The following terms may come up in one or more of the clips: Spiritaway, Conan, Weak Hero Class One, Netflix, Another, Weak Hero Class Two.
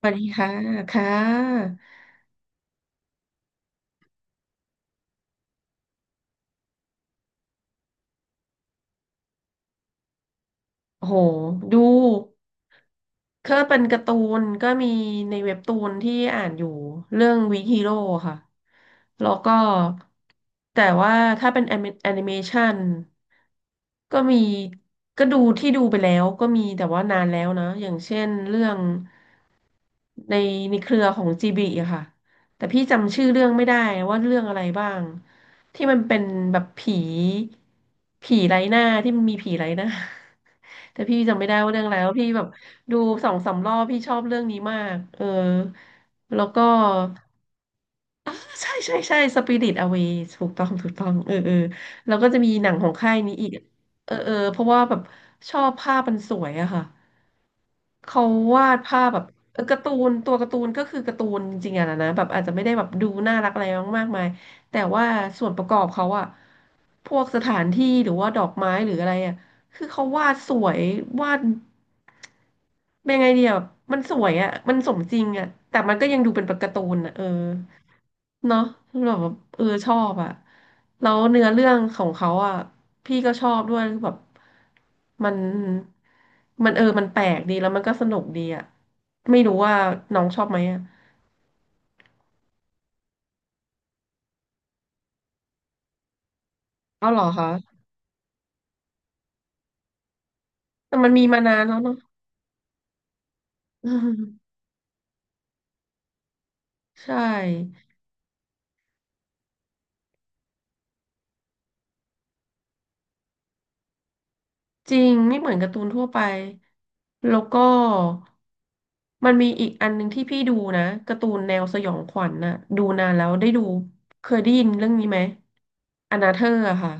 สวัสดีค่ะค่ะโอ้โหดู ก็เป็นการ์ตูนก็มีในเว็บตูนที่อ่านอยู่เรื่องวีฮีโร่ค่ะแล้วก็แต่ว่าถ้าเป็นแอนิเมชันก็มีก็ดูที่ดูไปแล้วก็มีแต่ว่านานแล้วนะอย่างเช่นเรื่องในในเครือของจีบีอะค่ะแต่พี่จำชื่อเรื่องไม่ได้ว่าเรื่องอะไรบ้างที่มันเป็นแบบผีไร้หน้าที่มันมีผีไร้หน้า แต่พี่จำไม่ได้ว่าเรื่องอะไรแล้วพี่แบบ ดูสองสามรอบพี่ชอบเรื่องนี้มากเออแล้วก็ อ่าใช่ใช่ใช่สปิริตอเวย์ถูกต้องถูกต้องเออเออแล้วก็จะมีหนังของค่ายนี้อีกเออเออเพราะว่าแบบชอบภาพมันสวยอะค่ะเขาวาดภาพแบบเออการ์ตูนตัวการ์ตูนก็คือการ์ตูนจริงๆอะนะนะแบบอาจจะไม่ได้แบบดูน่ารักอะไรมากมายแต่ว่าส่วนประกอบเขาอะพวกสถานที่หรือว่าดอกไม้หรืออะไรอะคือเขาวาดสวยวาดเป็นไงเดียแบบมันสวยอะมันสมจริงอะแต่มันก็ยังดูเป็นการ์ตูนอะเออ เนาะแบบว่าเออชอบอ่ะแล้วเนื้อเรื่องของเขาอ่ะพี่ก็ชอบด้วยคือแบบมันมันเออมันแปลกดีแล้วมันก็สนุกดีอ่ะไม่รู้ว่าน้องชอบไหมอ่ะเอาเหรอคะแต่มันมีมานานแล้วเนาะ อืมใช่จริงไม่เหมือนการ์ตูนทั่วไปแล้วก็มันมีอีกอันหนึ่งที่พี่ดูนะการ์ตูนแนวสยองขวัญน่ะดูนานแล้วได้ดูเคยได้ยินเรื่องนี้ไหมอนาเธอร์อะค่ะ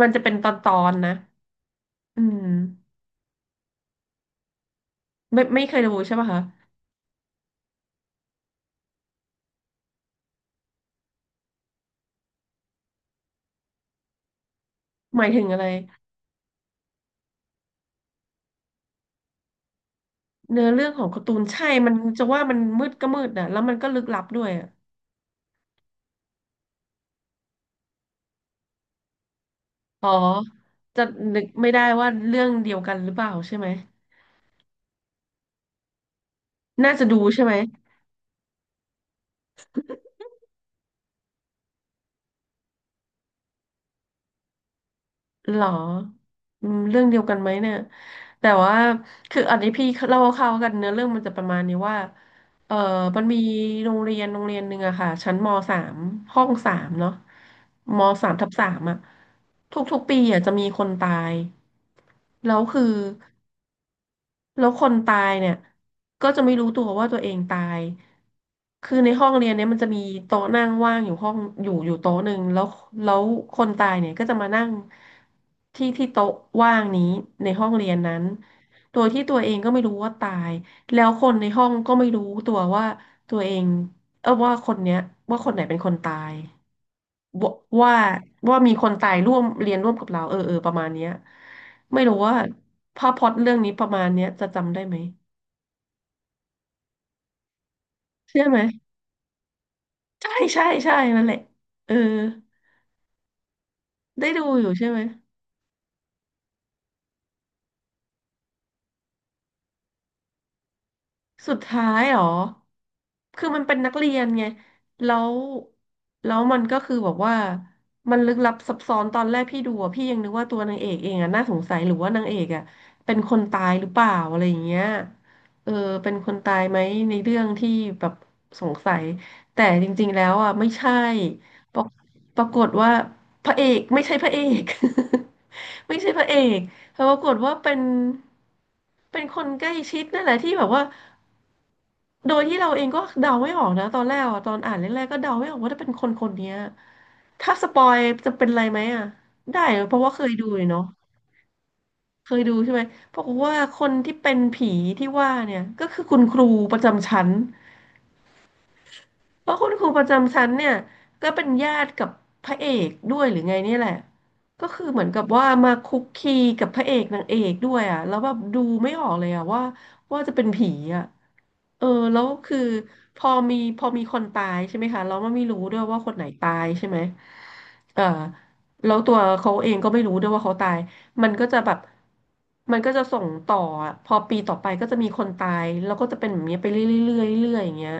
มันจะเป็นตอนนะอืมไม่เคยดูใช่ป่ะคะหมายถึงอะไรเนื้อเรื่องของการ์ตูนใช่มันจะว่ามันมืดก็มืดนะแล้วมันก็ลึกลับด้วยอะอ๋อจะนึกไม่ได้ว่าเรื่องเดียวกันหรือเปล่าใช่ไหมน่าจะดูใช่ไหมหรออืมเรื่องเดียวกันไหมเนี่ยแต่ว่าคืออันนี้พี่เล่าคร่าวๆกันเนื้อเรื่องมันจะประมาณนี้ว่า เออมันมีโรงเรียนหนึ่งอะค่ะชั้นมสามห้องสามเนาะมสามทับสามอะทุกๆปีอะจะมีคนตาย แล้วคือ แล้วคนตายเนี่ยก็จะไม่รู้ตัวว่าตัวเองตาย คือในห้องเรียนเนี่ยมันจะมีโต๊ะนั่งว่างอยู่ห้องอยู่อยู่โต๊ะหนึ่งแล้วแล้วคนตายเนี่ยก็จะมานั่งที่โต๊ะว่างนี้ในห้องเรียนนั้นโดยที่ตัวเองก็ไม่รู้ว่าตายแล้วคนในห้องก็ไม่รู้ตัวว่าตัวเองเออว่าคนเนี้ยว่าคนไหนเป็นคนตาย วว่าว่ามีคนตายร่วมเรียนร่วมกับเราเออเออประมาณเนี้ยไม่รู้ว่าภาพพล็อตเรื่องนี้ประมาณเนี้ยจะจำได้ไหมเชื่อไหมใช่ใช่ใช่นั่นแหละเออได้ดูอยู่ใช่ไหม สุดท้ายเหรอคือมันเป็นนักเรียนไง แล้วแล้วมันก็คือแบบว่า มันลึกลับซับซ้อนตอนแรกพี่ดูอะพี่ยังนึกว่าตัวนางเอกเองอะน่าสงสัย หรือว่านางเอกอะเป็นคนตายหรือเปล่าอะไรอย่างเงี้ยเออเป็นคนตายไหมในเรื่องที่แบบสงสัย แต่จริงๆแล้วอะไม่ใช่ปรากปรากฏว่าพระเอกไม่ใช่พระเอก ไม่ใช่พระเอกแต่ปรากฏว่าเป็นเป็นคนใกล้ชิดนั่นแหละที่แบบว่า โดยที่เราเองก็เดาไม่ออกนะตอนแรกอะตอนอ่านแรกๆก็เดาไม่ออกว่าจะเป็นคนคนเนี้ยถ้าสปอยจะเป็นอะไรไหมอ่ะได้เหรอเพราะว่าเคยดูเลยเนาะเคยดูใช่ไหมปรากฏว่าคนที่เป็นผีที่ว่าเนี่ยก็คือคุณครูประจำชั้น เพราะคุณครูประจำชั้นเนี่ยก็เป็นญาติกับพระเอกด้วยหรือไงเนี่ยแหละก็คือเหมือนกับว่ามาคุกคีกับพระเอกนางเอกด้วยอ่ะแล้วแบบดูไม่ออกเลยอ่ะว่าจะเป็นผีอ่ะเออแล้วคือพอมีคนตายใช่ไหมคะเราไม่รู้ด้วยว่าคนไหนตายใช่ไหมเออแล้วตัวเขาเองก็ไม่รู้ด้วยว่าเขาตาย มันก็จะแบบมันก็จะส่งต่ออะพอปีต่อไปก็จะมีคนตายแล้วก็จะเป็นแบบนี้ไปเรื่อยๆเรื่อยๆเรื่อยๆอย่างเงี้ย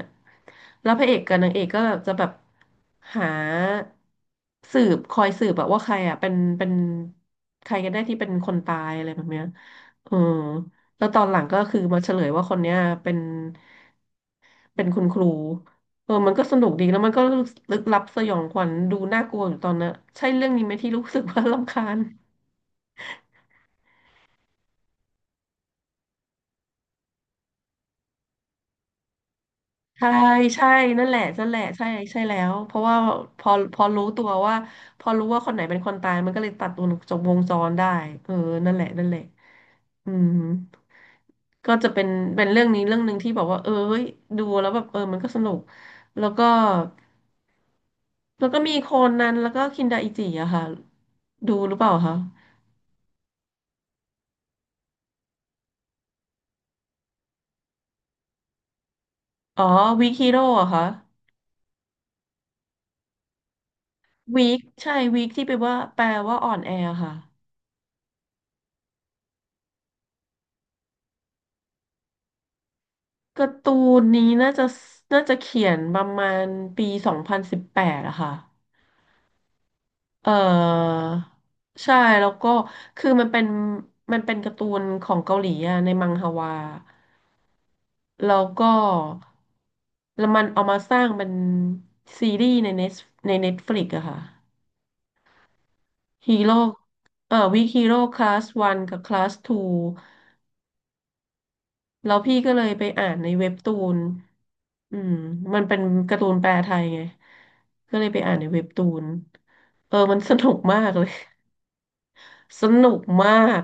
แล้วพระเอกกับนางเอกก็แบบจะแบบหาคอยสืบแบบว่าใครอ่ะเป็นใครกันแน่ที่เป็นคนตายอะไรแบบเนี้ยเออแล้วตอนหลังก็คือมาเฉลยว่าคนเนี้ยเป็นเป็นคุณครูเออมันก็สนุกดีแล้วมันก็ลึกลับสยองขวัญดูน่ากลัวอยู่ตอนนั้นใช่เรื่องนี้ไหมที่รู้สึกว่า รำคาญ ใช่ใช่นั่นแหละนั่นแหละใช่ใช่แล้วเพราะว่าพอรู้ตัวว่าพอรู้ว่าคนไหนเป็นคนตายมันก็เลยตัดวงจรได้เออนั่นแหละนั่นแหละอืมก็จะเป็นเรื่องนี้เรื่องหนึ่งที่บอกว่าเออเฮ้ยดูแล้วแบบเออมันก็สนุกแล้วก็มีโคนันแล้วก็คินดาอิจิอะค่ะดูหรือเปล่าคะอ๋อวีคฮีโร่อะค่ะวีคใช่วีคที่แปลว่าอ่อนแอค่ะ การ์ตูนนี้น่าจะเขียนประมาณปี2018อะค่ะ เออใช่แล้วก็คือมันเป็นการ์ตูนของเกาหลีอะในมังฮวาแล้วก็แล้วมันเอามาสร้างเป็นซีรีส์ในเน็ตฟลิกอะค่ะฮีโร่วิกฮีโร่คลาสวันกับคลาสทู แล้วพี่ก็เลยไปอ่านในเว็บตูนอืมมันเป็นการ์ตูนแปลไทยไงก็เลยไปอ่านในเว็บตูนเออมันสนุกมากเลย สนุกมาก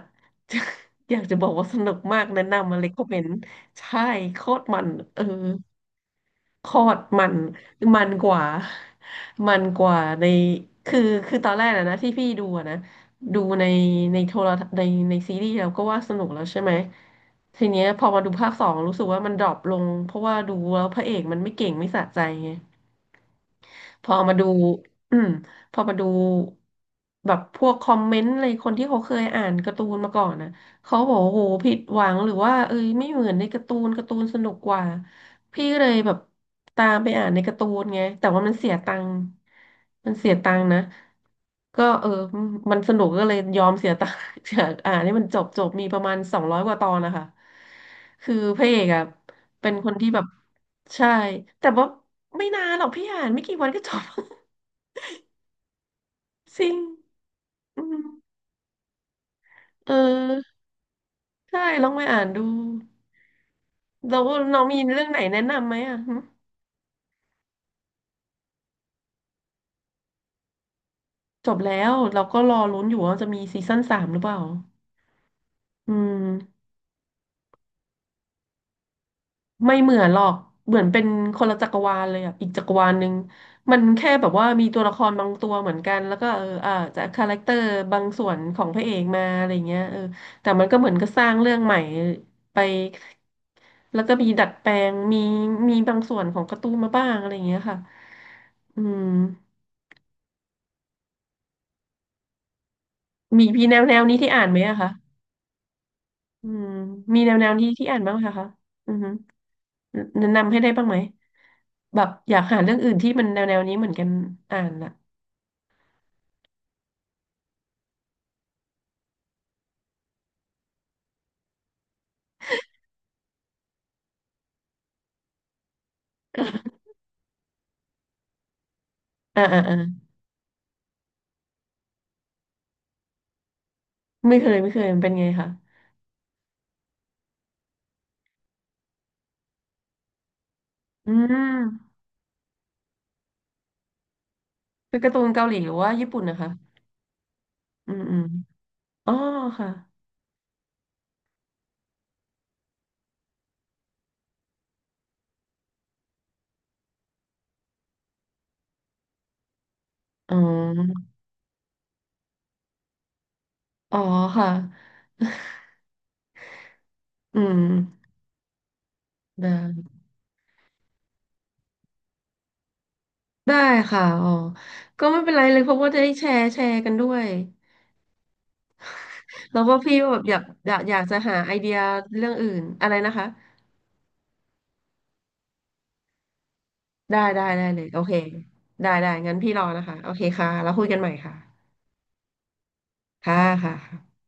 อยากจะบอกว่าสนุกมากแนะนำมาเลยคอมเมนต์ใช่โคตรมันเออ โคตรมันมันกว่า มันกว่าในคือคือตอนแรกนะที่พี่ดูอะนะดูในโทรทัศน์ในซีรีส์แล้วก็ว่าสนุกแล้วใช่ไหมทีเนี้ยพอมาดูภาคสองรู้สึกว่ามันดรอปลงเพราะว่าดูแล้วพระเอกมันไม่เก่งไม่สะใจไง พอมาดูอืมพอมาดูแบบพวกคอมเมนต์อะไรคนที่เขาเคยอ่านการ์ตูนมาก่อนนะเขาบอกว่าโอ้โหผิดหวังหรือว่าเอ้ยไม่เหมือนในการ์ตูนการ์ตูนสนุกกว่าพี่ก็เลยแบบตามไปอ่านในการ์ตูนไงแต่ว่ามันเสียตังค์มันเสียตังค์นะก็เออมันสนุกก็เลยยอมเสียตังค์ อยากอ่านให้มันจบจบมีประมาณ200กว่าตอนนะคะคือพระเอกอะเป็นคนที่แบบ ใช่แต่ว่าไม่นานหรอกพี่อ่านไม่กี่วันก็จบ จริงอืมเออใช่ลองไปอ่านดูแล้วน้องมีเรื่องไหนแนะนำไหมอ่ะหึจบแล้วเราก็รอลุ้นอยู่ว่าจะมีซีซั่น3หรือเปล่าอืม ไม่เหมือนหรอก เหมือนเป็นคนละจักรวาลเลยอ่ะอีกจักรวาลหนึ่งมันแค่แบบว่ามีตัวละครบางตัวเหมือนกัน แล้วก็เอออาจจะคาแรคเตอร์บางส่วนของพระเอกมาอะไรเงี้ยเออแต่มันก็เหมือนก็สร้างเรื่องใหม่ไปแล้วก็มีดัดแปลงมีบางส่วนของการ์ตูนมาบ้างอะไรเงี้ยค่ะอืมมีพี่แนวแนวนี้ที่อ่านไหมอะคะอืมมีแนวแนวนี้ที่อ่านบ้างไหมคะอือฮึแนะนำให้ได้บ้างไหมแบบอยากหาเรื่องอื่นที่มันแนวแนวนี้เหมือนกันอ่านอะ อ่าอ่าอ่าไม่เคยไม่เคยมันเป็นไงคะอืมเป็นการ์ตูนเกาหลีหรือว่าญี่ปุ่นนะคะอืมอืมอ๋อค่ะอ๋ออ๋อค่ะ อืมได้ได้ค่ะอ๋อก็ไม่เป็นไรเลยเพราะว่าได้แชร์แชร์กันด้วยแล้วก็พี่ก็แบบอยากจะหาไอเดียเรื่องอื่นอะไรนะคะได้ได้ได้เลยโอเคได้ได้งั้นพี่รอนะคะโอเคค่ะแล้วคุยกันใหม่ค่ะค่ะค่ะ